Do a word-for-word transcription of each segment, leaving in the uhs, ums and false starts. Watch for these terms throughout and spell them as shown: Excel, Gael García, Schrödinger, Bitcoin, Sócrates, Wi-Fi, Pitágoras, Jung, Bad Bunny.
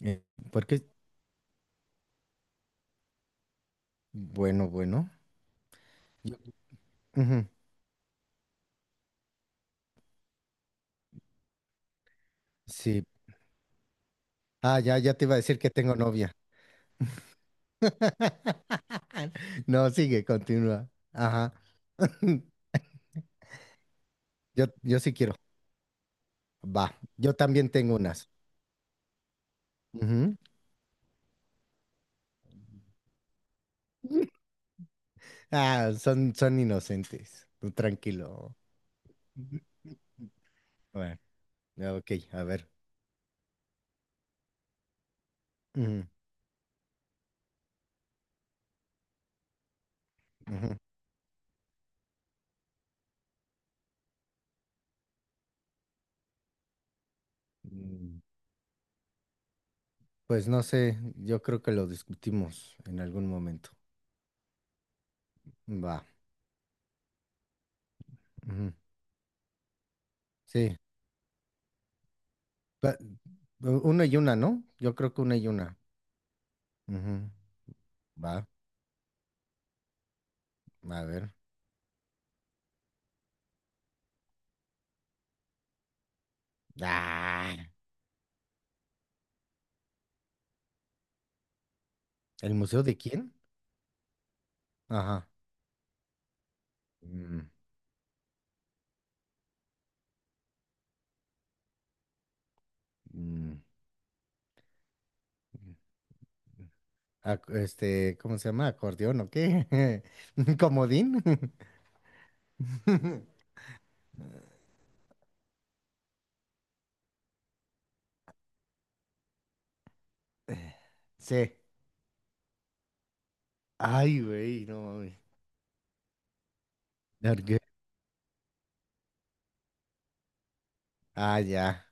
Eh, porque, bueno, bueno. yo- ujú, sí. Ah, ya, ya te iba a decir que tengo novia. No, sigue, continúa. Ajá. Yo, yo sí quiero. Va. Yo también tengo unas. Ujú. Ah, son, son inocentes. Tú tranquilo. Bueno, ya, ok, a ver. Ujú, ujú. Mm, Pues no sé, yo creo que lo discutimos en algún momento. Va. Ujú, sí. Pa- u- Una y una, ¿no? Yo creo que una y una. Ujú, va, a ver. Ah, ¿el museo de quién? Ajá. Mm, mm, mm. ac- este, ¿cómo se llama? ¿Acordeón o qué? ¿Comodín? Sí. Ay, güey, no mames. ¿Por qué? Ah, ya.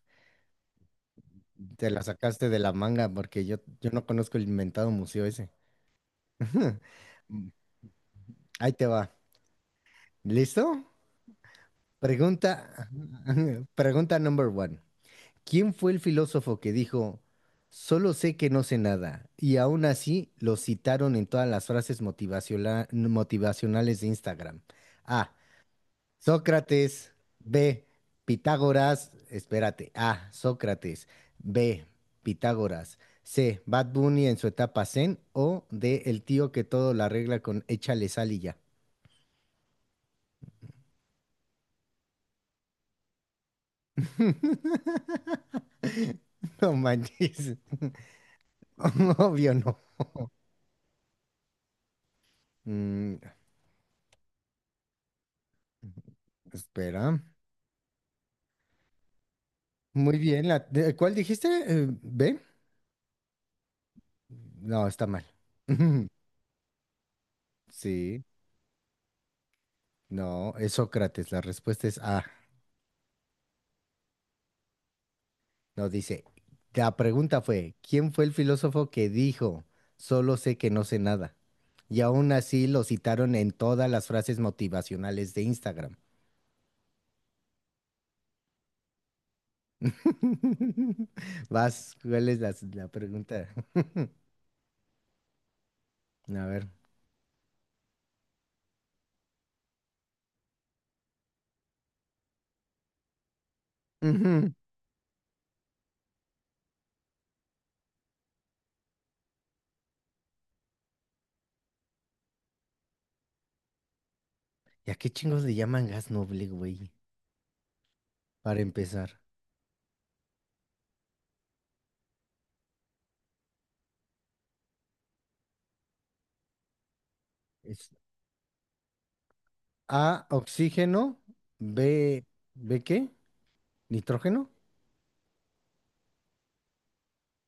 Te la sacaste de la manga porque yo, yo no conozco el inventado museo ese. Mm, Ahí te va. ¿Listo? Pregunta, pregunta number one. ¿Quién fue el filósofo que dijo, solo sé que no sé nada? Y aún así lo citaron en todas las frases motivaciona- motivacionales de Instagram. A. Sócrates. B. Pitágoras. Espérate. A. Sócrates. B. Pitágoras. C. Bad Bunny en su etapa zen. O D. El tío que todo la arregla con échale sal y ya. No manches. Obvio no. Mm, espera. Muy bien, la, de- ¿cuál dijiste? Eh, ¿B? No, está mal. Sí, no, es Sócrates. La respuesta es A. No dice. La pregunta fue, ¿quién fue el filósofo que dijo, solo sé que no sé nada? Y aún así lo citaron en todas las frases motivacionales de Instagram. Vas, ¿cuál es la, la pregunta? A ver. Ujú. ¿Y a qué chingos le llaman gas noble, güey? Para empezar. A, oxígeno. B, ¿B qué? ¿Nitrógeno?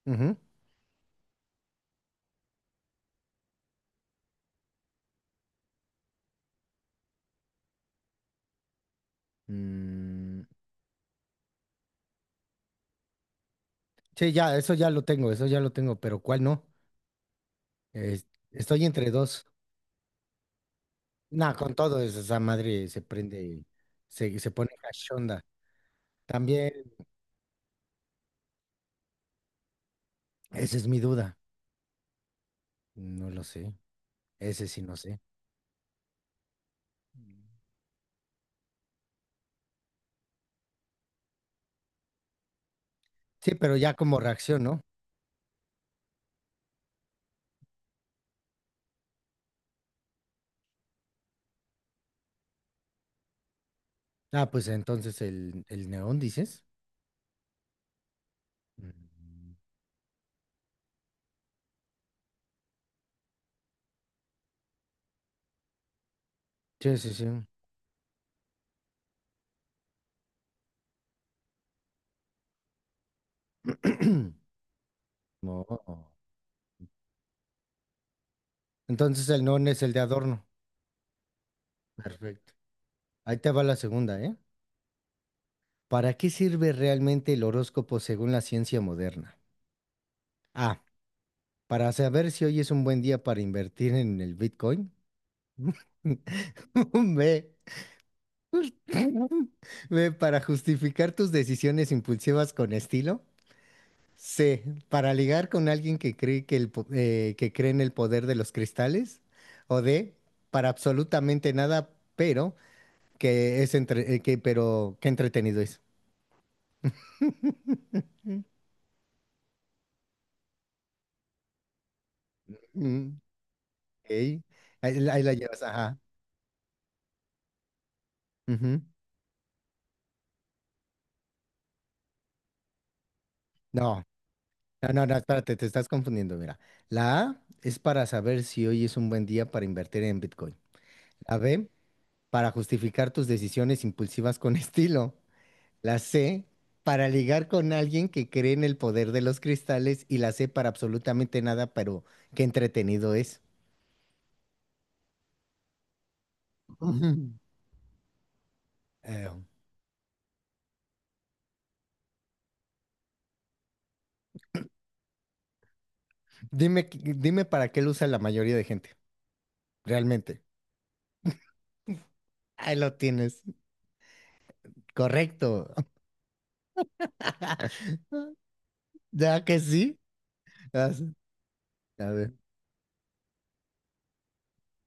Ujú. Mm, sí, ya, eso ya lo tengo, eso ya lo tengo, pero ¿cuál no? Es- estoy entre dos. Nah, con todo eso, esa madre se prende, se, se pone cachonda. También, esa es mi duda. No lo sé, ese sí no sé. Sí, pero ya como reacción, ¿no? Ah, pues entonces el, el neón, dices. Mm. Sí, sí, sí. No. Entonces el neón es el de adorno. Perfecto. Ahí te va la segunda, ¿eh? ¿Para qué sirve realmente el horóscopo según la ciencia moderna? A. Para saber si hoy es un buen día para invertir en el Bitcoin. B. B. Para justificar tus decisiones impulsivas con estilo. C. Para ligar con alguien que cree que, el, po- eh, que cree en el poder de los cristales. O D. Para absolutamente nada, pero que es entre- eh, que, pero qué entretenido es. Mm. Mm. Ok. Ahí, ahí la llevas, ajá. Ujú. No, no, no, no, espérate, te estás confundiendo, mira. La A es para saber si hoy es un buen día para invertir en Bitcoin. La B, para justificar tus decisiones impulsivas con estilo. La C, para ligar con alguien que cree en el poder de los cristales. Y la C, para absolutamente nada, pero qué entretenido es. Ujú. Eh, dime, qué- dime para qué lo usa la mayoría de gente, realmente. Ahí lo tienes, correcto. Ya que sí. Ah, sí. A ver,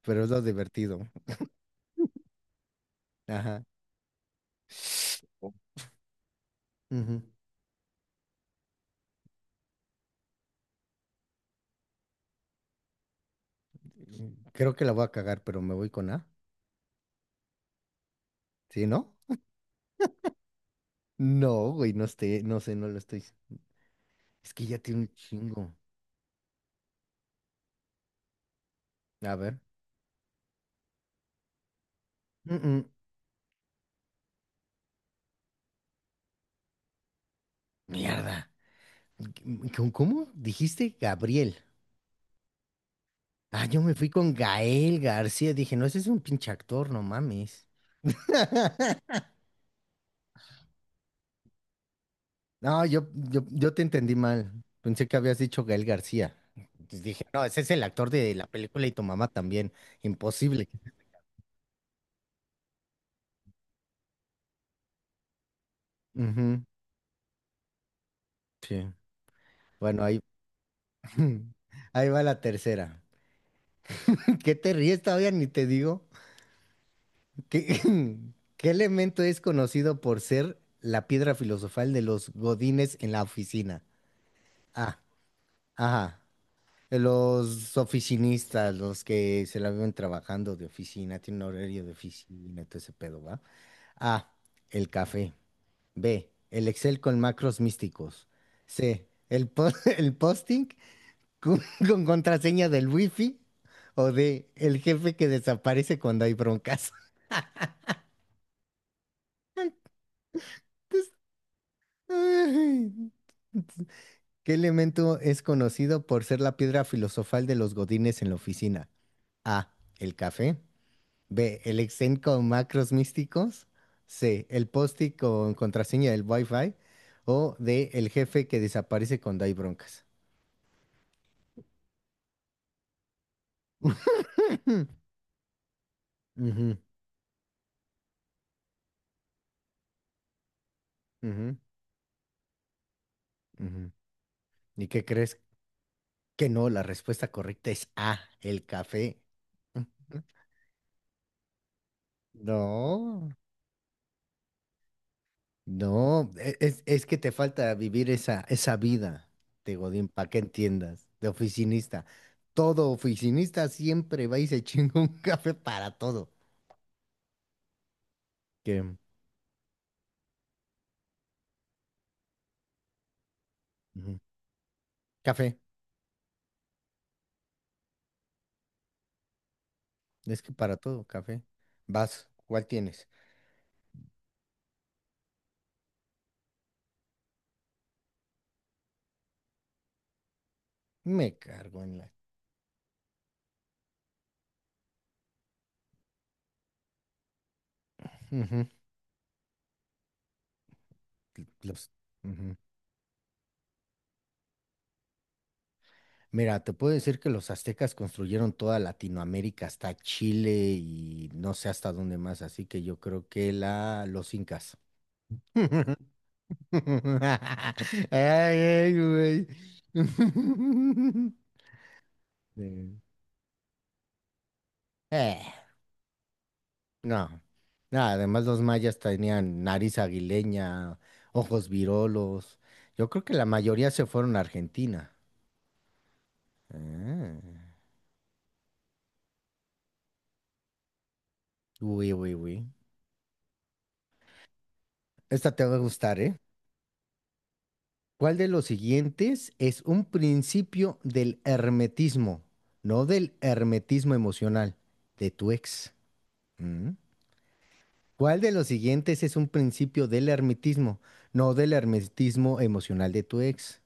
pero es lo divertido. Ajá. Ujú. Creo que la voy a cagar, pero me voy con A. ¿Sí, no? No, güey, no esté, no sé, no lo estoy. Es que ya tiene un chingo. A ver. Mm, mm. Mierda. ¿Con cómo dijiste Gabriel? Ah, yo me fui con Gael García. Dije, no, ese es un pinche actor, no mames. No, yo, yo, yo te entendí mal. Pensé que habías dicho Gael García. Entonces dije, no, ese es el actor de la película y tu mamá también. Imposible. Ujú, sí. Bueno, ahí, ahí va la tercera. ¿Qué te ríes todavía? Ni te digo. ¿Qué, qué elemento es conocido por ser la piedra filosofal de los godines en la oficina? Ah, ajá. Eh, Los oficinistas, los que se la viven trabajando de oficina, tienen horario de oficina, todo ese pedo, ¿va? A. El café. B. El Excel con macros místicos. C. El, po- el posting con, con contraseña del wifi. O D. El jefe que desaparece cuando hay broncas. Ay, ¿Qué elemento es conocido por ser la piedra filosofal de los godines en la oficina? A. El café. B. El Excel con macros místicos. C. El post con contraseña del Wi-Fi. O D. El jefe que desaparece cuando hay broncas. Hmm, ujú, ujú, ujú. ¿Y qué crees? Que no, la respuesta correcta es A, el café. Ujú. No, no, e- es, es que te falta vivir esa, esa vida de Godín, para que entiendas, de oficinista. Todo oficinista siempre va y se chinga un café para todo. Que, ujú, café, es que para todo, café. Vas, ¿cuál tienes? Me cargo en la. Ujú, los. Mira, te puedo decir que los aztecas construyeron toda Latinoamérica hasta Chile y no sé hasta dónde más, así que yo creo que la, los incas. Ay, ay, güey. Sí. Eh, no. No, además los mayas tenían nariz aguileña, ojos virolos. Yo creo que la mayoría se fueron a Argentina. Ah. Uy, uy, uy. Esta te va a gustar, ¿eh? ¿Cuál de los siguientes es un principio del hermetismo? No del hermetismo emocional, de tu ex. ¿Mm? ¿Cuál de los siguientes es un principio del hermetismo? No del hermetismo emocional de tu ex.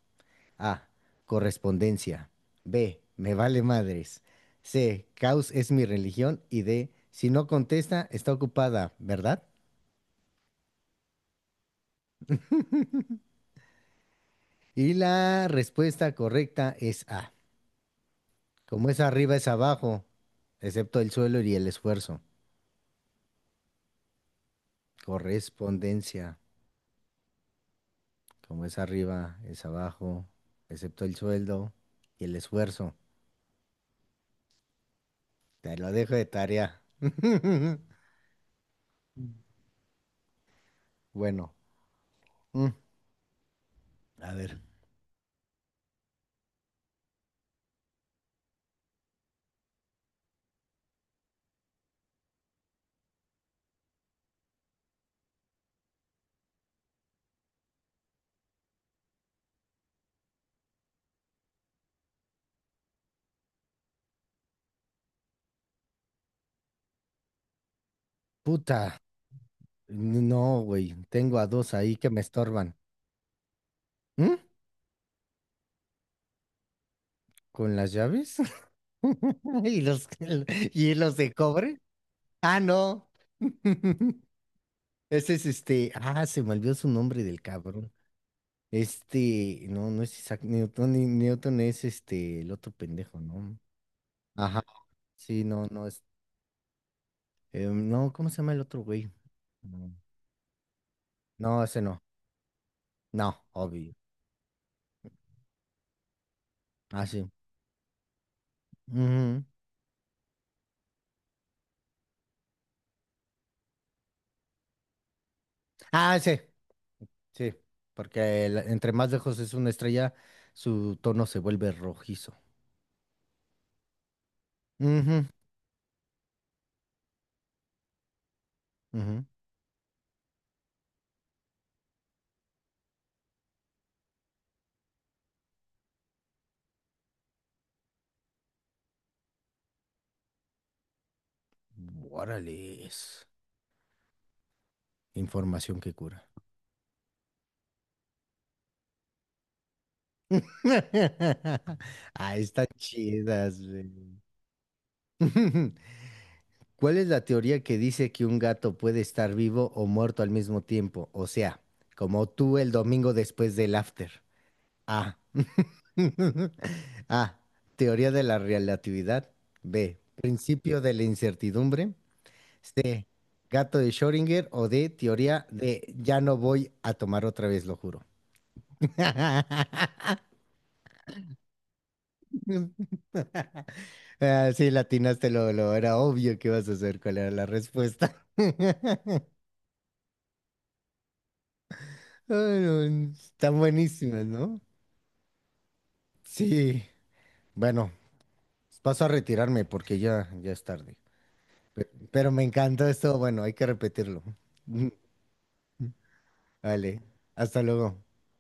A. Correspondencia. B. Me vale madres. C. Caos es mi religión. Y D. Si no contesta, está ocupada, ¿verdad? Y la respuesta correcta es A. Como es arriba es abajo, excepto el suelo y el esfuerzo. Correspondencia. Como es arriba es abajo, excepto el sueldo y el esfuerzo. Te lo dejo de tarea. Bueno, mm, a ver. Puta. No, güey. Tengo a dos ahí que me estorban. ¿Mm? ¿Con las llaves? ¿Y los, y los de cobre? Ah, no. Ese es este. Ah, se me olvidó su nombre del cabrón. Este, no, no es Isaac Newton, ni- Newton es este, el otro pendejo, ¿no? Ajá, sí, no, no es. eh, no, ¿cómo se llama el otro güey? No, no, ese no. No, obvio. Ah, sí. Ujú. Ah, sí, sí. Porque el- entre más lejos es una estrella, su tono se vuelve rojizo. Ujú, ujú. Órale, es información que cura. Ah, están chidas, güey. ¿Cuál es la teoría que dice que un gato puede estar vivo o muerto al mismo tiempo? O sea, como tú el domingo después del after. A. A. Teoría de la relatividad. B. Principio de la incertidumbre. C. Gato de Schrödinger. O D. Teoría de ya no voy a tomar otra vez, lo juro. Ah, sí, latinaste lo, lo era obvio que ibas a hacer cuál era la respuesta. Ay, no, están buenísimas, ¿no? Sí. Bueno, paso a retirarme porque ya, ya es tarde. Pe- Pero me encantó esto. Bueno, hay que repetirlo. Vale, hasta luego.